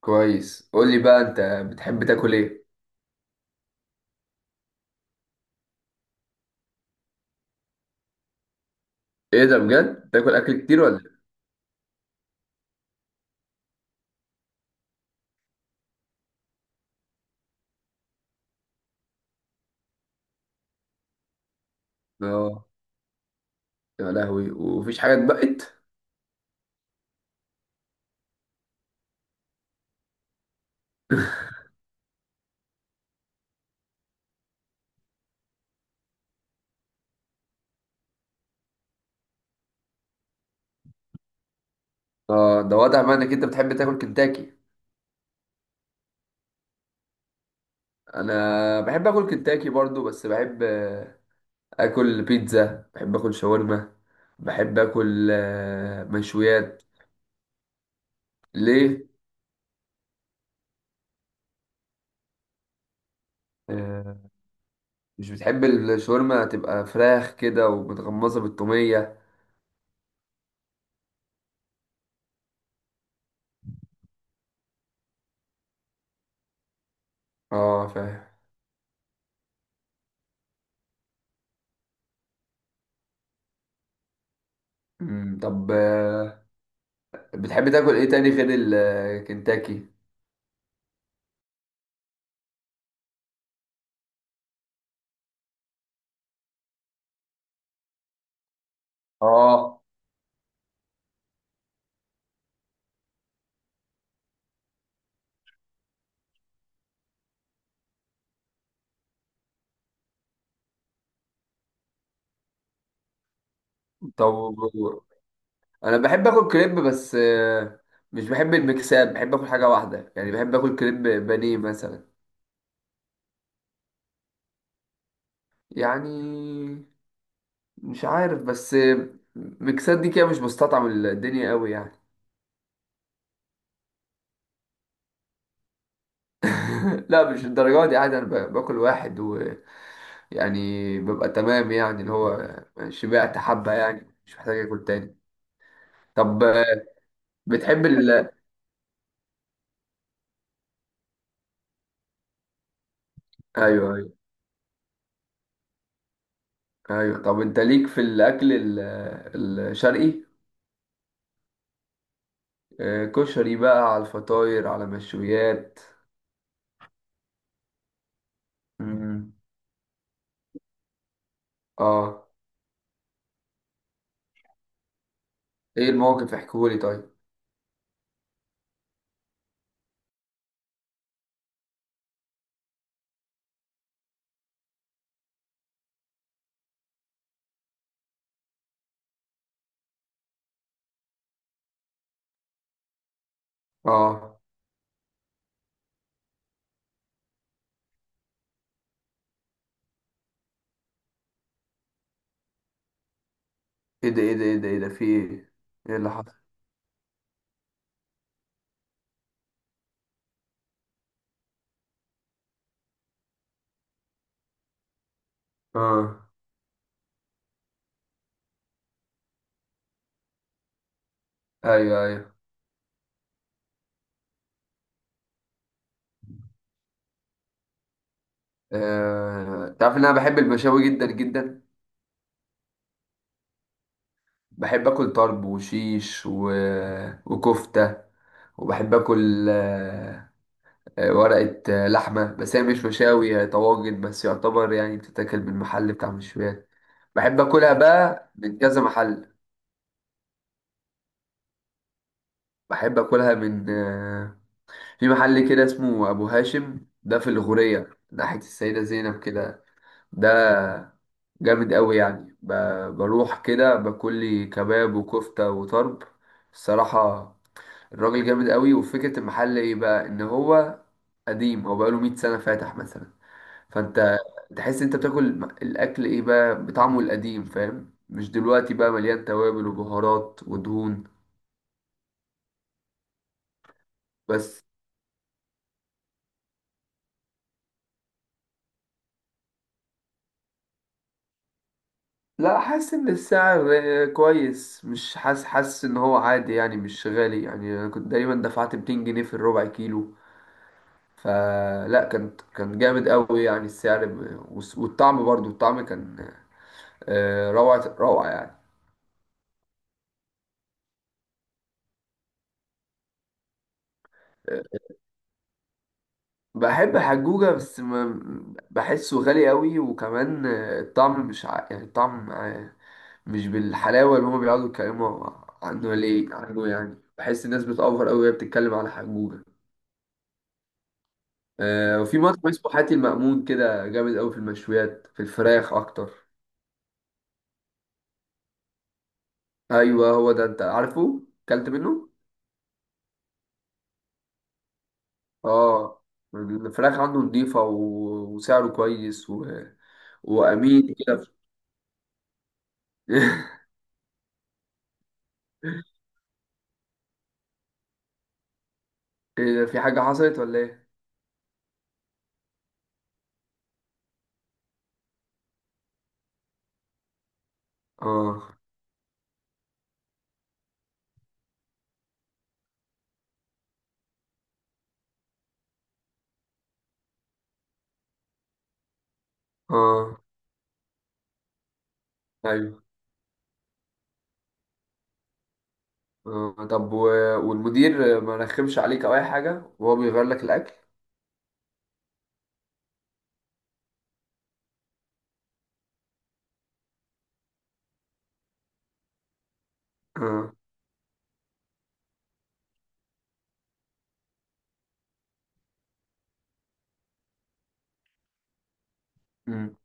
كويس. قول لي بقى، انت بتحب تاكل ايه؟ ايه ده، بجد تاكل اكل كتير ولا إيه؟ اه، يا لهوي، ومفيش حاجه اتبقت. اه، ده واضح بقى انك انت بتحب تاكل كنتاكي. انا بحب اكل كنتاكي برضو، بس بحب اكل بيتزا، بحب اكل شاورما، بحب اكل مشويات. ليه؟ آه، مش بتحب الشاورما تبقى فراخ كده ومتغمسه بالتوميه؟ اه، فاهم. طب، بتحب تاكل ايه تاني غير الكنتاكي؟ اه. طب انا بحب اكل كريب، بس مش بحب المكساب، بحب اكل حاجه واحده، يعني بحب اكل كريب بانيه مثلا. يعني مش عارف، بس مكسات دي كده مش بستطعم الدنيا قوي يعني. لا، مش الدرجات دي، عادي انا باكل واحد ويعني ببقى تمام، يعني اللي هو شبعت حبه، يعني مش محتاج اكل تاني. طب، بتحب ايوه، ايوه، ايوه. طب انت ليك في الاكل الشرقي؟ كشري، بقى على الفطاير، على مشويات. مم. اه. ايه الموقف؟ احكولي طيب. اه. ايه ده، ايه ده، ايه ده، ايه ده، في ايه؟ ايه اللي حصل؟ اه. ايوه، ايوه. تعرف ان انا بحب المشاوي جدا جدا. بحب اكل طرب وشيش وكفته. وبحب اكل ورقه لحمه، بس هي مش مشاوي، هي طواجن بس، يعتبر يعني بتتاكل من محل بتاع مشويات. بحب اكلها بقى من كذا محل. بحب اكلها من في محل كده اسمه ابو هاشم، ده في الغورية ناحية السيدة زينب كده. ده جامد قوي يعني، بروح كده باكل لي كباب وكفتة وطرب، الصراحة. الراجل جامد قوي، وفكرة المحل ايه بقى، ان هو قديم، هو بقاله 100 سنة فاتح مثلا. فانت تحس انت بتاكل الاكل ايه بقى بطعمه القديم، فاهم؟ مش دلوقتي بقى مليان توابل وبهارات ودهون. بس لا، حاسس ان السعر كويس، مش حاسس، حاسس ان هو عادي يعني، مش غالي يعني. انا كنت دايما دفعت 200 جنيه في الربع كيلو، فلا، كان جامد قوي يعني السعر، والطعم برضو، الطعم كان روعة روعة يعني. آه، بحب حجوجة، بس بحسه غالي قوي، وكمان الطعم مش يعني الطعم مش بالحلاوة اللي هما بيقعدوا يتكلموا عنه، ليه عنه يعني، بحس الناس بتأفور قوي وهي بتتكلم على حجوجة. آه، وفي مطعم اسمه حاتي المأمون كده جامد قوي في المشويات، في الفراخ اكتر. ايوه، هو ده. انت عارفه؟ اكلت منه؟ اه. الفراخ عنده نضيفة وسعره كويس وامين كده. إيه ده؟ في حاجة حصلت ولا ايه؟ اه، اه، ايوه. آه. طب والمدير ما رخمش عليك او اي حاجة وهو بيغير لك الاكل؟ اه. أمم.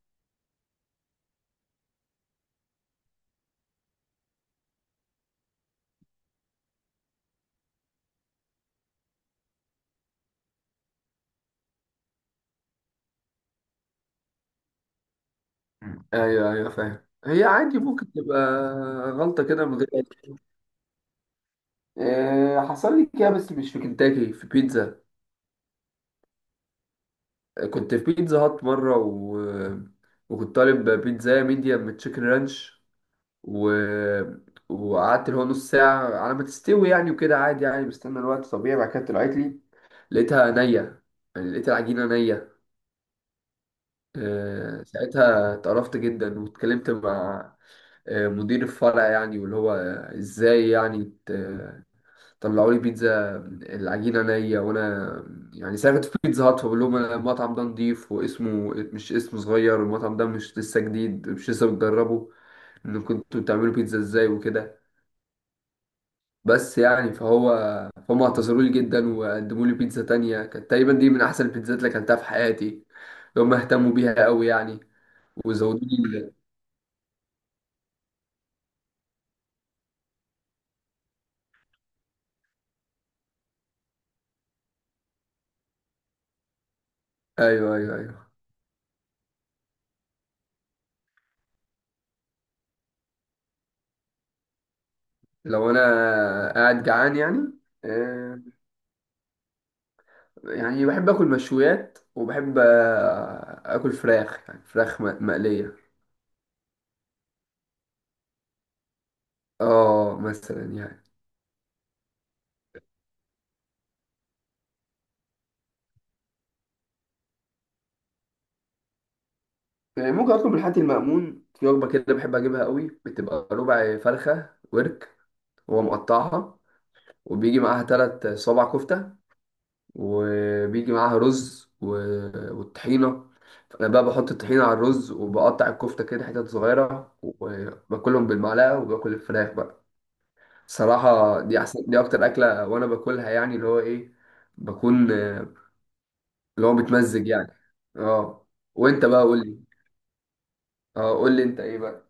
ايوه، ايوه، فاهم، هي عادي ممكن تبقى غلطة كده من غير... حصل لي كده، بس مش في كنتاكي، في بيتزا. كنت في بيتزا هات مرة وكنت طالب بيتزا ميديم من تشيكن رانش، و... وقعدت اللي هو نص ساعة على ما تستوي يعني، وكده عادي يعني، بستنى الوقت طبيعي. بعد كده طلعت لي، لقيتها نية، يعني لقيت العجينة نية. ساعتها اتقرفت جدا واتكلمت مع مدير الفرع يعني، واللي هو ازاي يعني طلعوا لي بيتزا العجينه نيه؟ وانا يعني سافرت في بيتزا هات، بقول لهم أنا المطعم ده نضيف واسمه مش اسمه صغير، والمطعم ده مش لسه جديد، مش لسه بتجربه، ان كنتوا بتعملوا بيتزا ازاي وكده. بس يعني، فهو فهم، اعتذروا لي جدا وقدموا لي بيتزا تانية كانت تقريبا دي من احسن البيتزات اللي اكلتها في حياتي، هم اهتموا بيها قوي يعني وزودوني. ايوه، ايوه، ايوه. لو انا قاعد جعان يعني. آه، يعني بحب اكل مشويات، وبحب اكل فراخ، يعني فراخ مقليه. اه، مثلا يعني. يعني ممكن اطلب الحاتي المأمون في وجبه كده بحب اجيبها قوي، بتبقى ربع فرخه ورك، هو مقطعها، وبيجي معاها 3 صوابع كفته، وبيجي معاها رز والطحينه. فانا بقى بحط الطحينه على الرز وبقطع الكفته كده حتت صغيره وباكلهم بالمعلقه وباكل الفراخ بقى. صراحة دي أحسن، دي أكتر أكلة وأنا باكلها، يعني اللي هو إيه، بكون اللي هو متمزج يعني. أه. وأنت بقى قول لي. أه، قول لي أنت إيه بقى.